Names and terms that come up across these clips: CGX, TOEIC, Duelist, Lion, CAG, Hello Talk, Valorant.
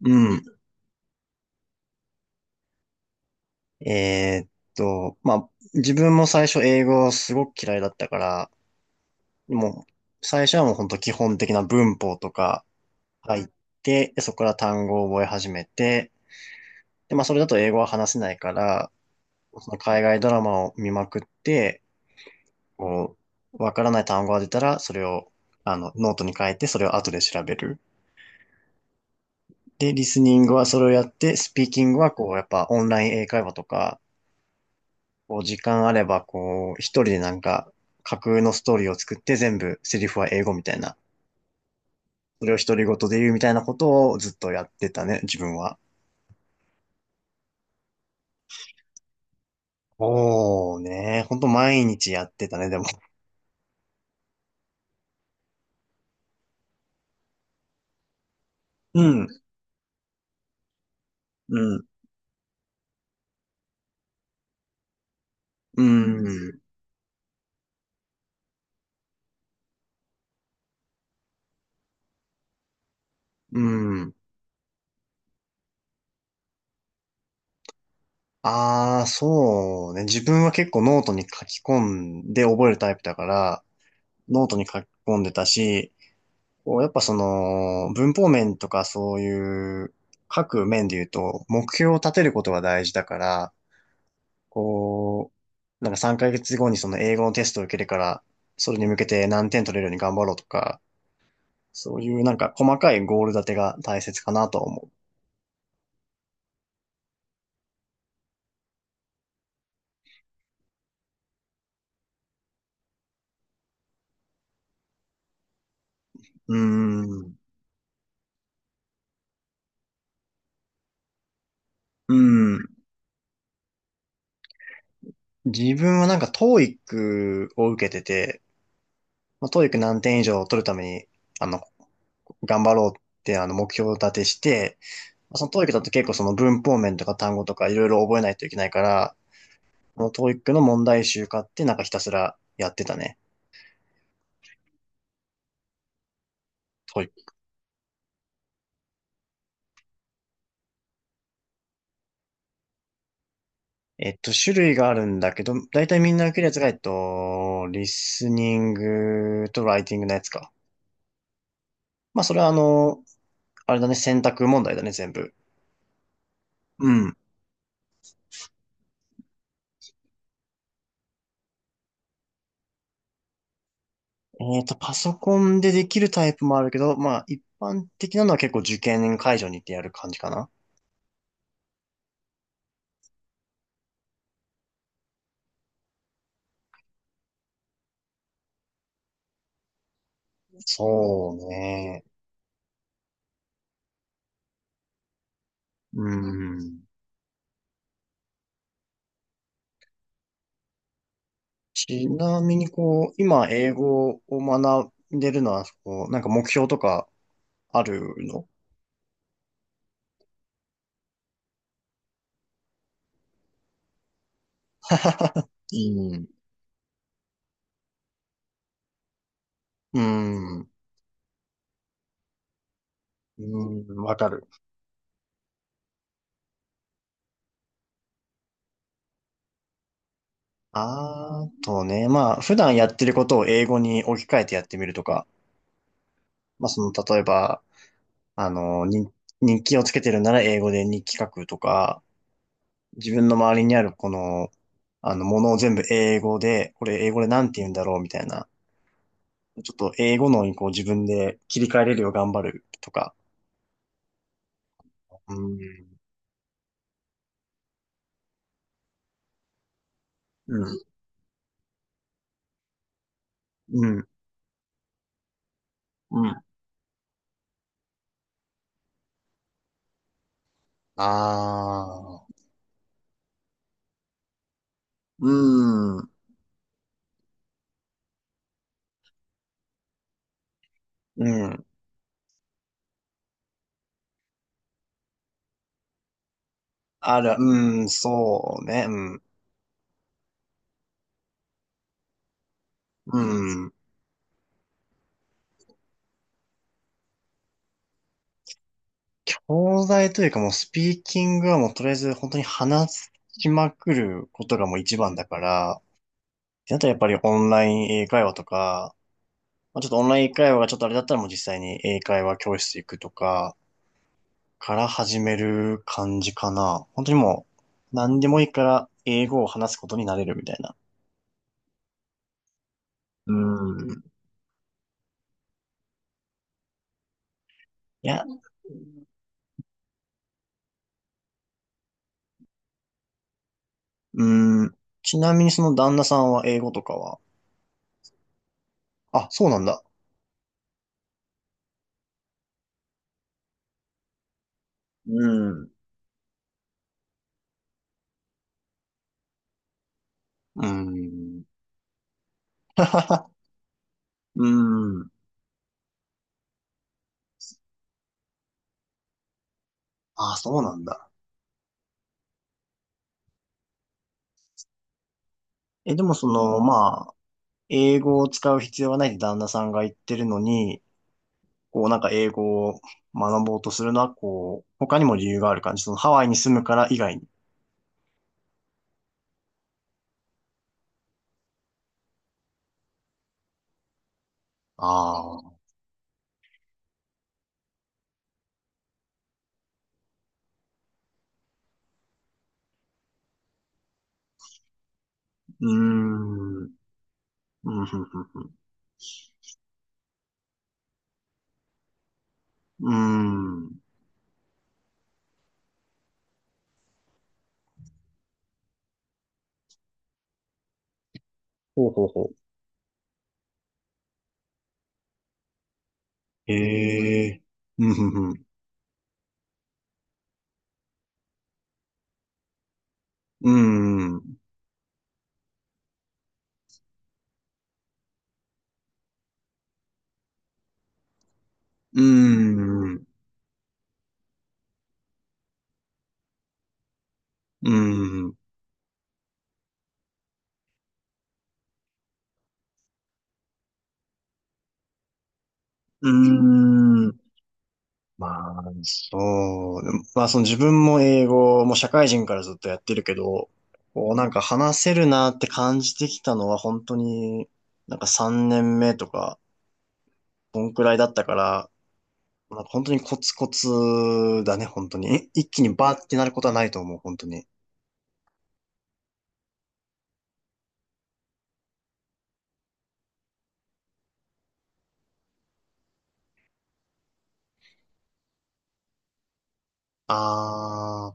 うん。えーっと、まあ、自分も最初英語すごく嫌いだったから、もう、最初はもう本当基本的な文法とか入って、そこから単語を覚え始めて、で、まあ、それだと英語は話せないから、その海外ドラマを見まくって、こわからない単語が出たら、それを、あの、ノートに書いて、それを後で調べる。で、リスニングはそれをやって、スピーキングはこう、やっぱオンライン英会話とか、こう時間あれば、こう、一人でなんか、架空のストーリーを作って全部セリフは英語みたいな。それを独り言で言うみたいなことをずっとやってたね、自分は。おーね、ほんと毎日やってたね、でも。うん、うん、うん、うん。ああ、そうね。自分は結構ノートに書き込んで覚えるタイプだから、ノートに書き込んでたし、やっぱその、文法面とかそういう、各面で言うと、目標を立てることが大事だから、こなんか3ヶ月後にその英語のテストを受けるから、それに向けて何点取れるように頑張ろうとか、そういうなんか細かいゴール立てが大切かなとは思う。うーん。うん。自分はなんか TOEIC を受けてて、まあ、TOEIC 何点以上取るために、あの、頑張ろうって目標を立てして、そのト o e i だと結構その文法面とか単語とかいろいろ覚えないといけないから、このトーイックの問題集化ってなんかひたすらやってたね。はい。種類があるんだけど、だいたいみんな受けるやつが、リスニングとライティングのやつか。まあ、それはあの、あれだね、選択問題だね、全部。うん。パソコンでできるタイプもあるけど、まあ、一般的なのは結構受験会場に行ってやる感じかな。そうね。うん。ちなみに今英語を学んでるのは、なんか目標とかあるの？うん。うん。うん、わかる。あとね、まあ、普段やってることを英語に置き換えてやってみるとか、まあ、その、例えば、あの、に日記をつけてるなら英語で日記書くとか、自分の周りにあるこの、あの、ものを全部英語で、これ英語でなんて言うんだろうみたいな、ちょっと英語のにこう自分で切り替えれるよう頑張るとか、うん、うん、うん、うん。ああ、うん、うん。ある、うん、そうね、うん、うん。東大というかもうスピーキングはもうとりあえず本当に話しまくることがもう一番だから、ってなったらやっぱりオンライン英会話とか、まあ、ちょっとオンライン英会話がちょっとあれだったらもう実際に英会話教室行くとかから始める感じかな。本当にもう何でもいいから英語を話すことになれるみたいな。うん。いやうーん。ちなみにその旦那さんは英語とかは？あ、そうなんだ。うん。うーん。うーん。あ、そうなんだ。でもその、まあ、英語を使う必要はないって旦那さんが言ってるのに、こうなんか英語を学ぼうとするのは、こう、他にも理由がある感じ？そのハワイに住むから以外に。ああ。うーん。うん、ふんふんふん。うーん。ほうほうほう。へえ。うん、ふんふん。うーん。うーん。うーん。うーん。まあ、そでもまあ、その自分も英語も社会人からずっとやってるけど、こうなんか話せるなって感じてきたのは本当になんか3年目とか、こんくらいだったから、まあ、本当にコツコツだね、本当に。一気にバーってなることはないと思う、本当に。ああ、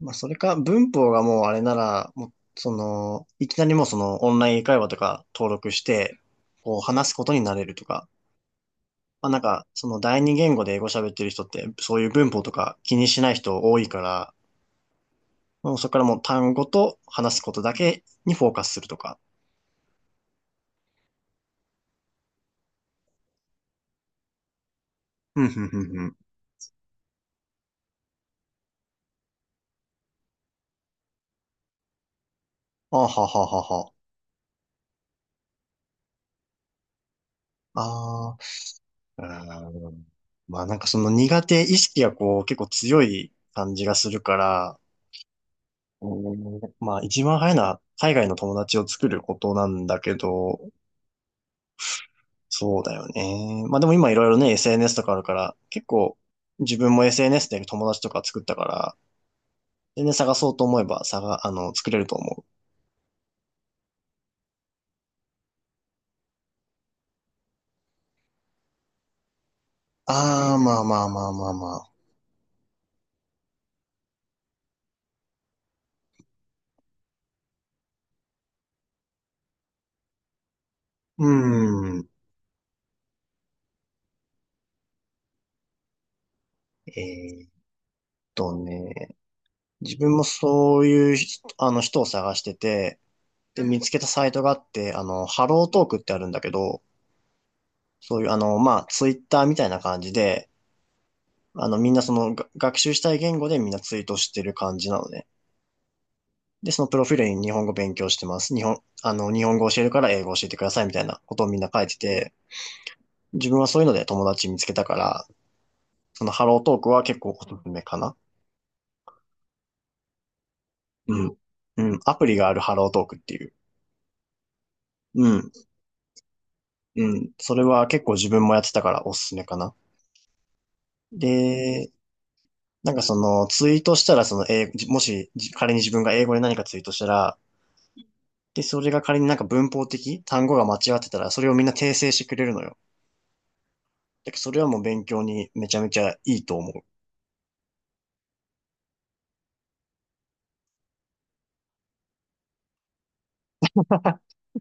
まあ、それか文法がもうあれなら、もう、その、いきなりもうそのオンライン英会話とか登録して、こう話すことになれるとか。まあなんか、その第二言語で英語喋ってる人って、そういう文法とか気にしない人多いから、もうそこからもう単語と話すことだけにフォーカスするとか。うん、うんうんうん。あはははは。ああ、うーん。まあなんかその苦手意識がこう結構強い感じがするから、うまあ一番早いのは海外の友達を作ることなんだけど、そうだよね。まあでも今いろいろね、SNS とかあるから、結構自分も SNS で友達とか作ったから、全然探そうと思えば、あの、作れると思う。あー、まあまあまあまあまあ。うーん。えーっとね、自分もそういう人、人を探してて、で、見つけたサイトがあって、あの、ハロートークってあるんだけど、そういう、あの、まあ、ツイッターみたいな感じで、あの、みんな学習したい言語でみんなツイートしてる感じなのね。で、そのプロフィールに日本語勉強してます。日本語教えるから英語教えてくださいみたいなことをみんな書いてて、自分はそういうので友達見つけたから、そのハロートークは結構おすすめかな。うん。うん。アプリがあるハロートークっていう。うん。うん。それは結構自分もやってたからおすすめかな。で、なんかそのツイートしたらその英語、もしじ仮に自分が英語で何かツイートしたら、で、それが仮になんか文法的、単語が間違ってたら、それをみんな訂正してくれるのよ。だからそれはもう勉強にめちゃめちゃいいと思う。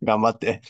頑張って。